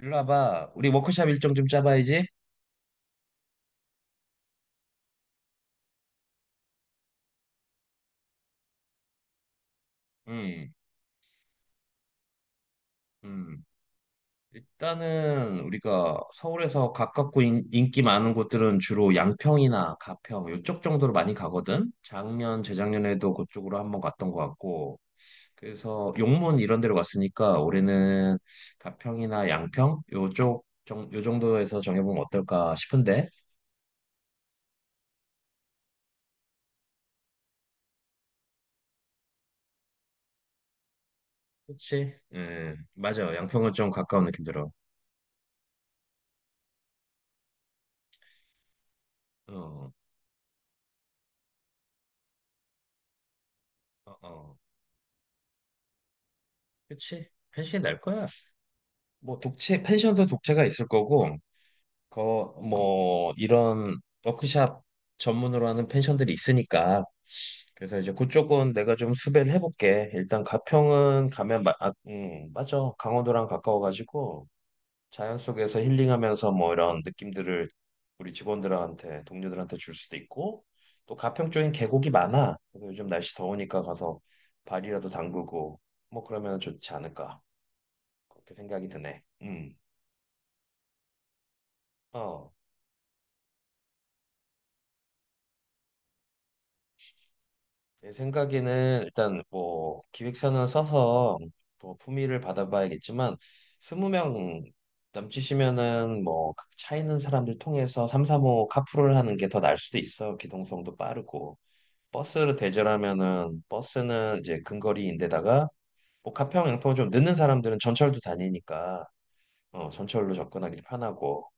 일로 와봐. 우리 워크샵 일정 좀 짜봐야지. 음, 음. 일단은 우리가 서울에서 가깝고 인기 많은 곳들은 주로 양평이나 가평 이쪽 정도로 많이 가거든. 작년, 재작년에도 그쪽으로 한번 갔던 것 같고. 그래서 용문 이런 데로 갔으니까 올해는 가평이나 양평 요 정도에서 정해보면 어떨까 싶은데. 그치? 맞아. 양평은 좀 가까운 느낌 들어. 어, 어, 어. 그치? 편식이 날 거야. 뭐 독채 펜션도 독채가 있을 거고 그 뭐 이런 워크샵 전문으로 하는 펜션들이 있으니까. 그래서 이제 그쪽은 내가 좀 수배를 해볼게. 일단 가평은 가면 맞아, 강원도랑 가까워가지고 자연 속에서 힐링하면서 뭐 이런 느낌들을 우리 직원들한테, 동료들한테 줄 수도 있고, 또 가평 쪽엔 계곡이 많아. 그래서 요즘 날씨 더우니까 가서 발이라도 담그고 뭐 그러면 좋지 않을까, 그렇게 생각이 드네. 음. 어. 내 생각에는 일단 뭐 기획서는 써서 뭐 품위를 받아봐야겠지만 20명 넘치시면은 뭐 차 있는 사람들 통해서 3, 4호 카풀을 하는 게 더 나을 수도 있어. 기동성도 빠르고. 버스를 대절하면은 버스는 이제 근거리인데다가 뭐 가평 양평 좀 늦는 사람들은 전철도 다니니까 어 전철로 접근하기 편하고.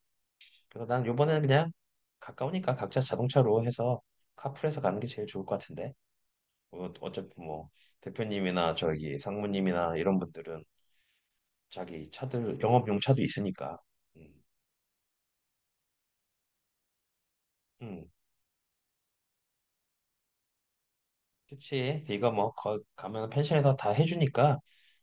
그래서 난 요번에는 그냥 가까우니까 각자 자동차로 해서 카풀해서 가는 게 제일 좋을 것 같은데. 어, 어차피 뭐 대표님이나 저기 상무님이나 이런 분들은 자기 차들, 영업용 차도 있으니까. 음, 음. 그치. 네가 뭐 가면 펜션에서 다 해주니까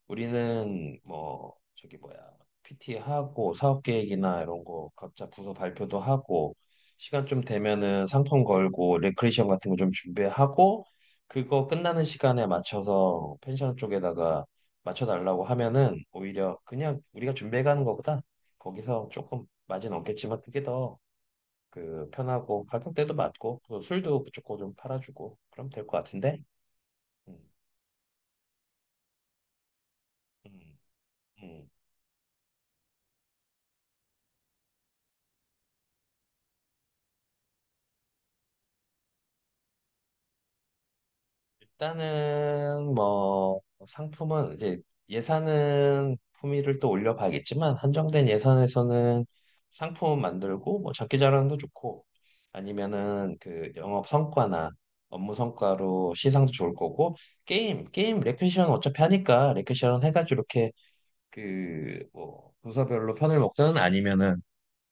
우리는 뭐 저기 뭐야 PT 하고 사업 계획이나 이런 거 각자 부서 발표도 하고, 시간 좀 되면은 상품 걸고 레크레이션 같은 거 좀 준비하고, 그거 끝나는 시간에 맞춰서 펜션 쪽에다가 맞춰달라고 하면은 오히려 그냥 우리가 준비해 가는 거보다 거기서 조금 마진 없겠지만 그게 더 그 편하고 가격대도 맞고, 또 술도 무조건 좀 팔아주고 그럼 될 것 같은데? 음, 음, 음. 일단은 뭐 상품은 이제 예산은 품위를 또 올려봐야겠지만 한정된 예산에서는 상품 만들고 뭐 장기 자랑도 좋고, 아니면은 그 영업 성과나 업무 성과로 시상도 좋을 거고, 게임 레크시션 어차피 하니까 레크시션 해가지고 이렇게 그뭐 부서별로 편을 먹든 아니면은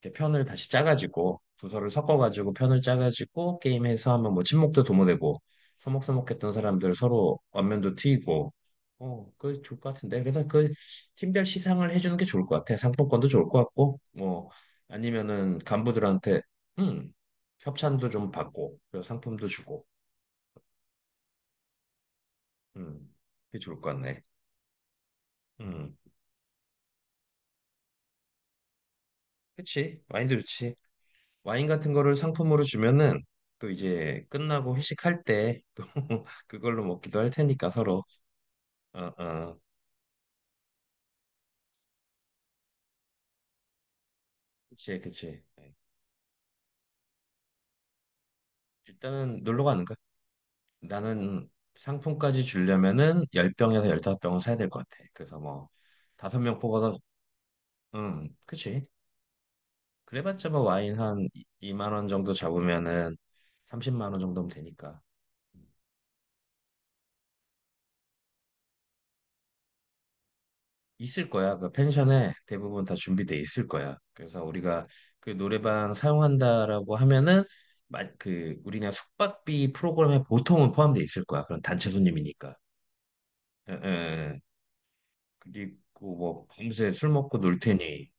이렇게 편을 다시 짜가지고 도서를 섞어가지고 편을 짜가지고 게임해서 하면 뭐 친목도 도모되고 서먹서먹했던 사람들 서로 안면도 트이고, 어 그게 좋을 것 같은데. 그래서 그 팀별 시상을 해주는 게 좋을 것 같아. 상품권도 좋을 것 같고, 뭐 아니면은 간부들한테 음 협찬도 좀 받고 그리고 상품도 주고. 음 그게 좋을 것 같네. 음 그치, 와인도 좋지. 와인 같은 거를 상품으로 주면은 또 이제 끝나고 회식할 때 또 그걸로 먹기도 할 테니까 서로. 어어 그치 그치, 네. 일단은 놀러 가는 거 나는 상품까지 주려면은 10병에서 15병은 사야 될 것 같아. 그래서 뭐 5명 뽑아서. 그치. 그래봤자 뭐 와인 한 2만 원 정도 잡으면은 30만 원 정도면 되니까. 있을 거야. 그 펜션에 대부분 다 준비돼 있을 거야. 그래서 우리가 그 노래방 사용한다라고 하면은 그 우리냐 숙박비 프로그램에 보통은 포함돼 있을 거야. 그런 단체 손님이니까. 에, 에, 에. 그리고 뭐 밤새 술 먹고 놀 테니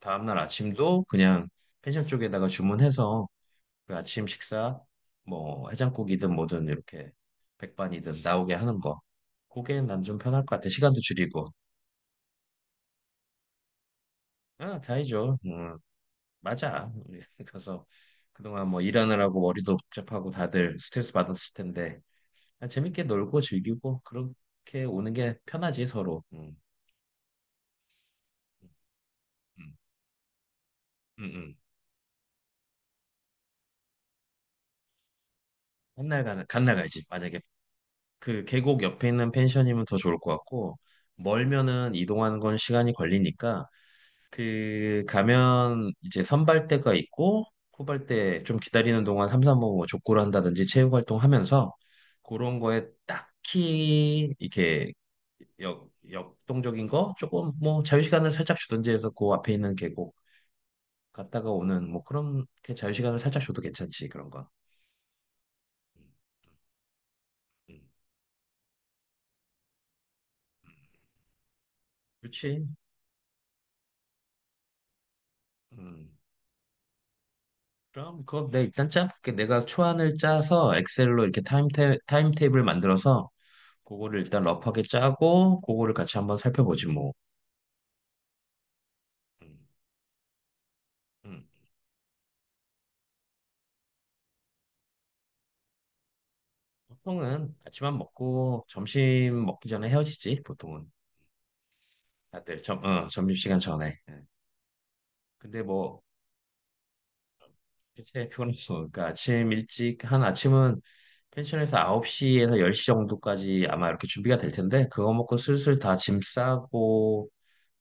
다음날 아침도 그냥 펜션 쪽에다가 주문해서 그 아침 식사 뭐 해장국이든 뭐든 이렇게 백반이든 나오게 하는 거. 그게 난 좀 편할 것 같아. 시간도 줄이고. 아, 다이죠. 음. 맞아. 우리 그래서 그동안 뭐 일하느라고 머리도 복잡하고 다들 스트레스 받았을 텐데 아, 재밌게 놀고 즐기고 그렇게 오는 게 편하지 서로. 음, 음, 음. 간날 가, 간날 가지. 만약에 그 계곡 옆에 있는 펜션이면 더 좋을 것 같고, 멀면은 이동하는 건 시간이 걸리니까. 그 가면 이제 선발대가 있고 후발대 좀 기다리는 동안 삼삼오오 뭐 족구를 한다든지 체육 활동하면서 그런 거에 딱히 이렇게 역동적인 거 조금 뭐 자유시간을 살짝 주든지 해서 그 앞에 있는 계곡 갔다가 오는 뭐 그런 게, 자유시간을 살짝 줘도 괜찮지 그런 거. 음, 음, 음. 그렇지. 음. 그럼 그거 내 일단 짜. 내가 초안을 짜서 엑셀로 이렇게 타임 테이블 만들어서 그거를 일단 러프하게 짜고 그거를 같이 한번 살펴보지 뭐. 음, 음. 보통은 아침밥 먹고 점심 먹기 전에 헤어지지 보통은. 다들 점심시간 전에. 예. 근데 뭐 대체 피곤해서 그러니까 아침 일찍 한 아침은 펜션에서 9시에서 10시 정도까지 아마 이렇게 준비가 될 텐데 그거 먹고 슬슬 다 짐 싸고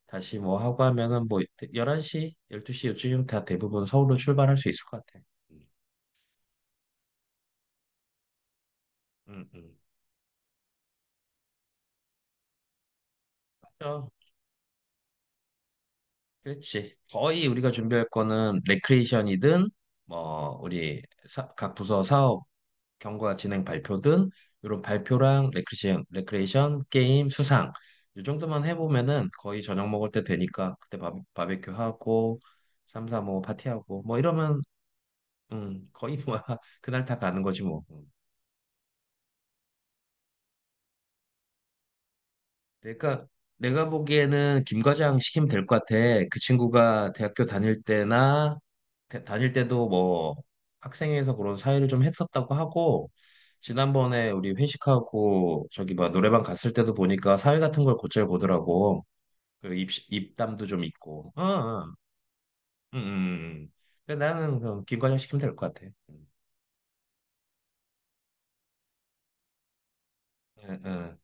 다시 뭐 하고 하면은 뭐 11시, 12시 요쯤 다 대부분 서울로 출발할 수 있을 것 같아. 음, 음. 음. 맞아. 그렇지. 거의 우리가 준비할 거는 레크레이션이든 뭐 우리 각 부서 사업 경과 진행 발표든 이런 발표랑 레크레이션 게임 수상 이 정도만 해보면은 거의 저녁 먹을 때 되니까 그때 바베큐 하고 삼삼오오 파티하고 뭐 이러면 거의 뭐 그날 다 가는 거지 뭐. 음. 내가 내가 보기에는 김 과장 시키면 될 것 같아. 그 친구가 대학교 다닐 때나 다닐 때도 뭐 학생회에서 그런 사회를 좀 했었다고 하고 지난번에 우리 회식하고 저기 막 노래방 갔을 때도 보니까 사회 같은 걸 곧잘 보더라고. 그 입담도 좀 있고. 어, 어. 음, 음. 음, 음. 그 나는 그럼 김과장 시키면 될 것 같아. 음. 응, 응.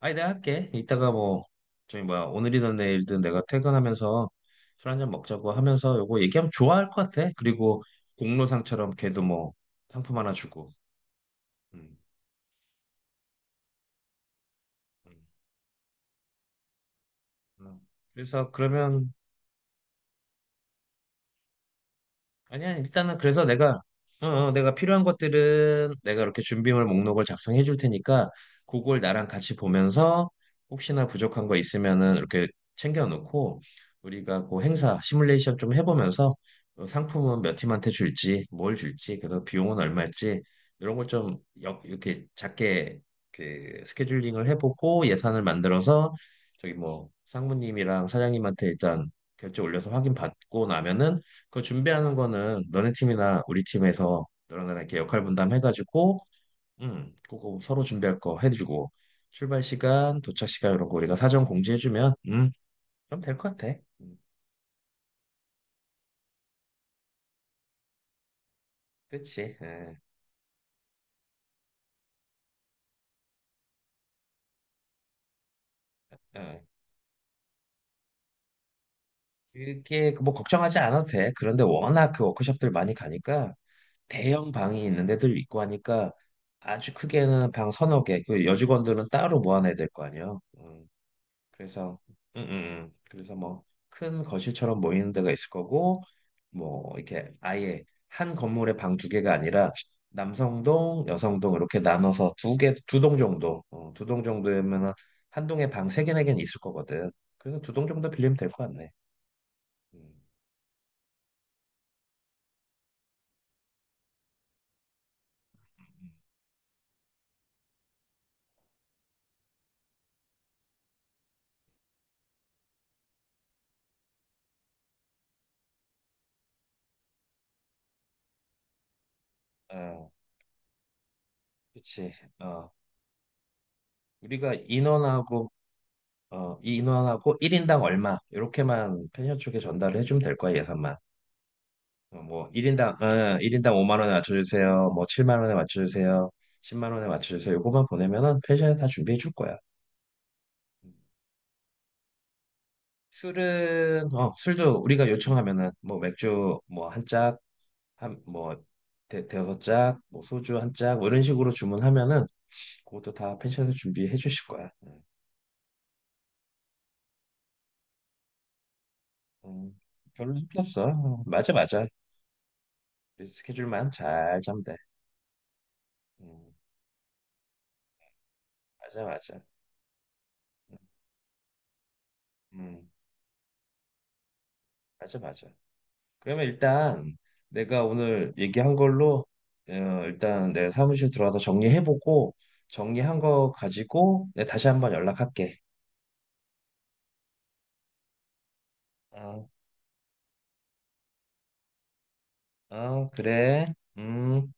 아니 내가 할게. 이따가 뭐 저기 뭐야 오늘이든 내일든 내가 퇴근하면서 술 한잔 먹자고 하면서 요거 얘기하면 좋아할 것 같아. 그리고 공로상처럼 걔도 뭐 상품 하나 주고. 음, 음. 음. 그래서 그러면 아니야, 일단은 그래서 내가, 내가 필요한 것들은 내가 이렇게 준비물 목록을 작성해 줄 테니까, 그걸 나랑 같이 보면서 혹시나 부족한 거 있으면은 이렇게 챙겨 놓고, 우리가 그 행사 시뮬레이션 좀 해보면서 어, 상품은 몇 팀한테 줄지, 뭘 줄지, 그래서 비용은 얼마일지, 이런 걸 좀 이렇게 작게 그 스케줄링을 해보고 예산을 만들어서 저기 뭐 상무님이랑 사장님한테 일단 결제 올려서 확인 받고 나면은 그 준비하는 거는 너네 팀이나 우리 팀에서 너랑 나랑 이렇게 역할 분담 해가지고, 그거 서로 준비할 거 해주고, 출발 시간, 도착 시간 이런 거 우리가 사전 공지해주면, 그럼 될 것 같아. 음, 그치? 예, 예. 이게 뭐 걱정하지 않아도 돼. 그런데 워낙 그 워크숍들 많이 가니까 대형 방이 있는 데도 있고 하니까 아주 크게는 방 서너 개, 그 여직원들은 따로 모아놔야 될 거 아니야. 음. 그래서 음, 음, 그래서 뭐 큰 거실처럼 모이는 데가 있을 거고 뭐 이렇게 아예 한 건물에 방 두 개가 아니라 남성동, 여성동 이렇게 나눠서 두 개, 두 동 정도, 어, 두 동 정도면 한 동에 방 세 개, 네 개는 있을 거거든. 그래서 두 동 정도 빌리면 될 것 같네. 음. 어, 그치. 어, 우리가 인원하고, 어, 이 인원하고 1인당 얼마, 이렇게만 펜션 쪽에 전달을 해주면 될 거야, 예산만. 어, 뭐 일인당 5만 원에 맞춰주세요. 뭐 7만 원에 맞춰주세요. 10만 원에 맞춰주세요. 요거만 보내면은 펜션에 다 준비해 줄 거야. 술은 어 술도 우리가 요청하면은 뭐 맥주 뭐 한 짝, 한뭐 대여섯 짝, 뭐 소주 한 짝, 뭐 이런 식으로 주문하면은 그것도 다 펜션에서 준비해 주실 거야. 음, 별로 힘없 어, 맞아 맞아. 우리 스케줄만 잘 짜면 돼. 음, 맞아 맞아. 음, 맞아 맞아. 그러면 일단 내가 오늘 얘기한 걸로 어, 일단 내 사무실 들어와서 정리해보고 정리한 거 가지고 내가 다시 한번 연락할게. 어, 어, 그래. 음.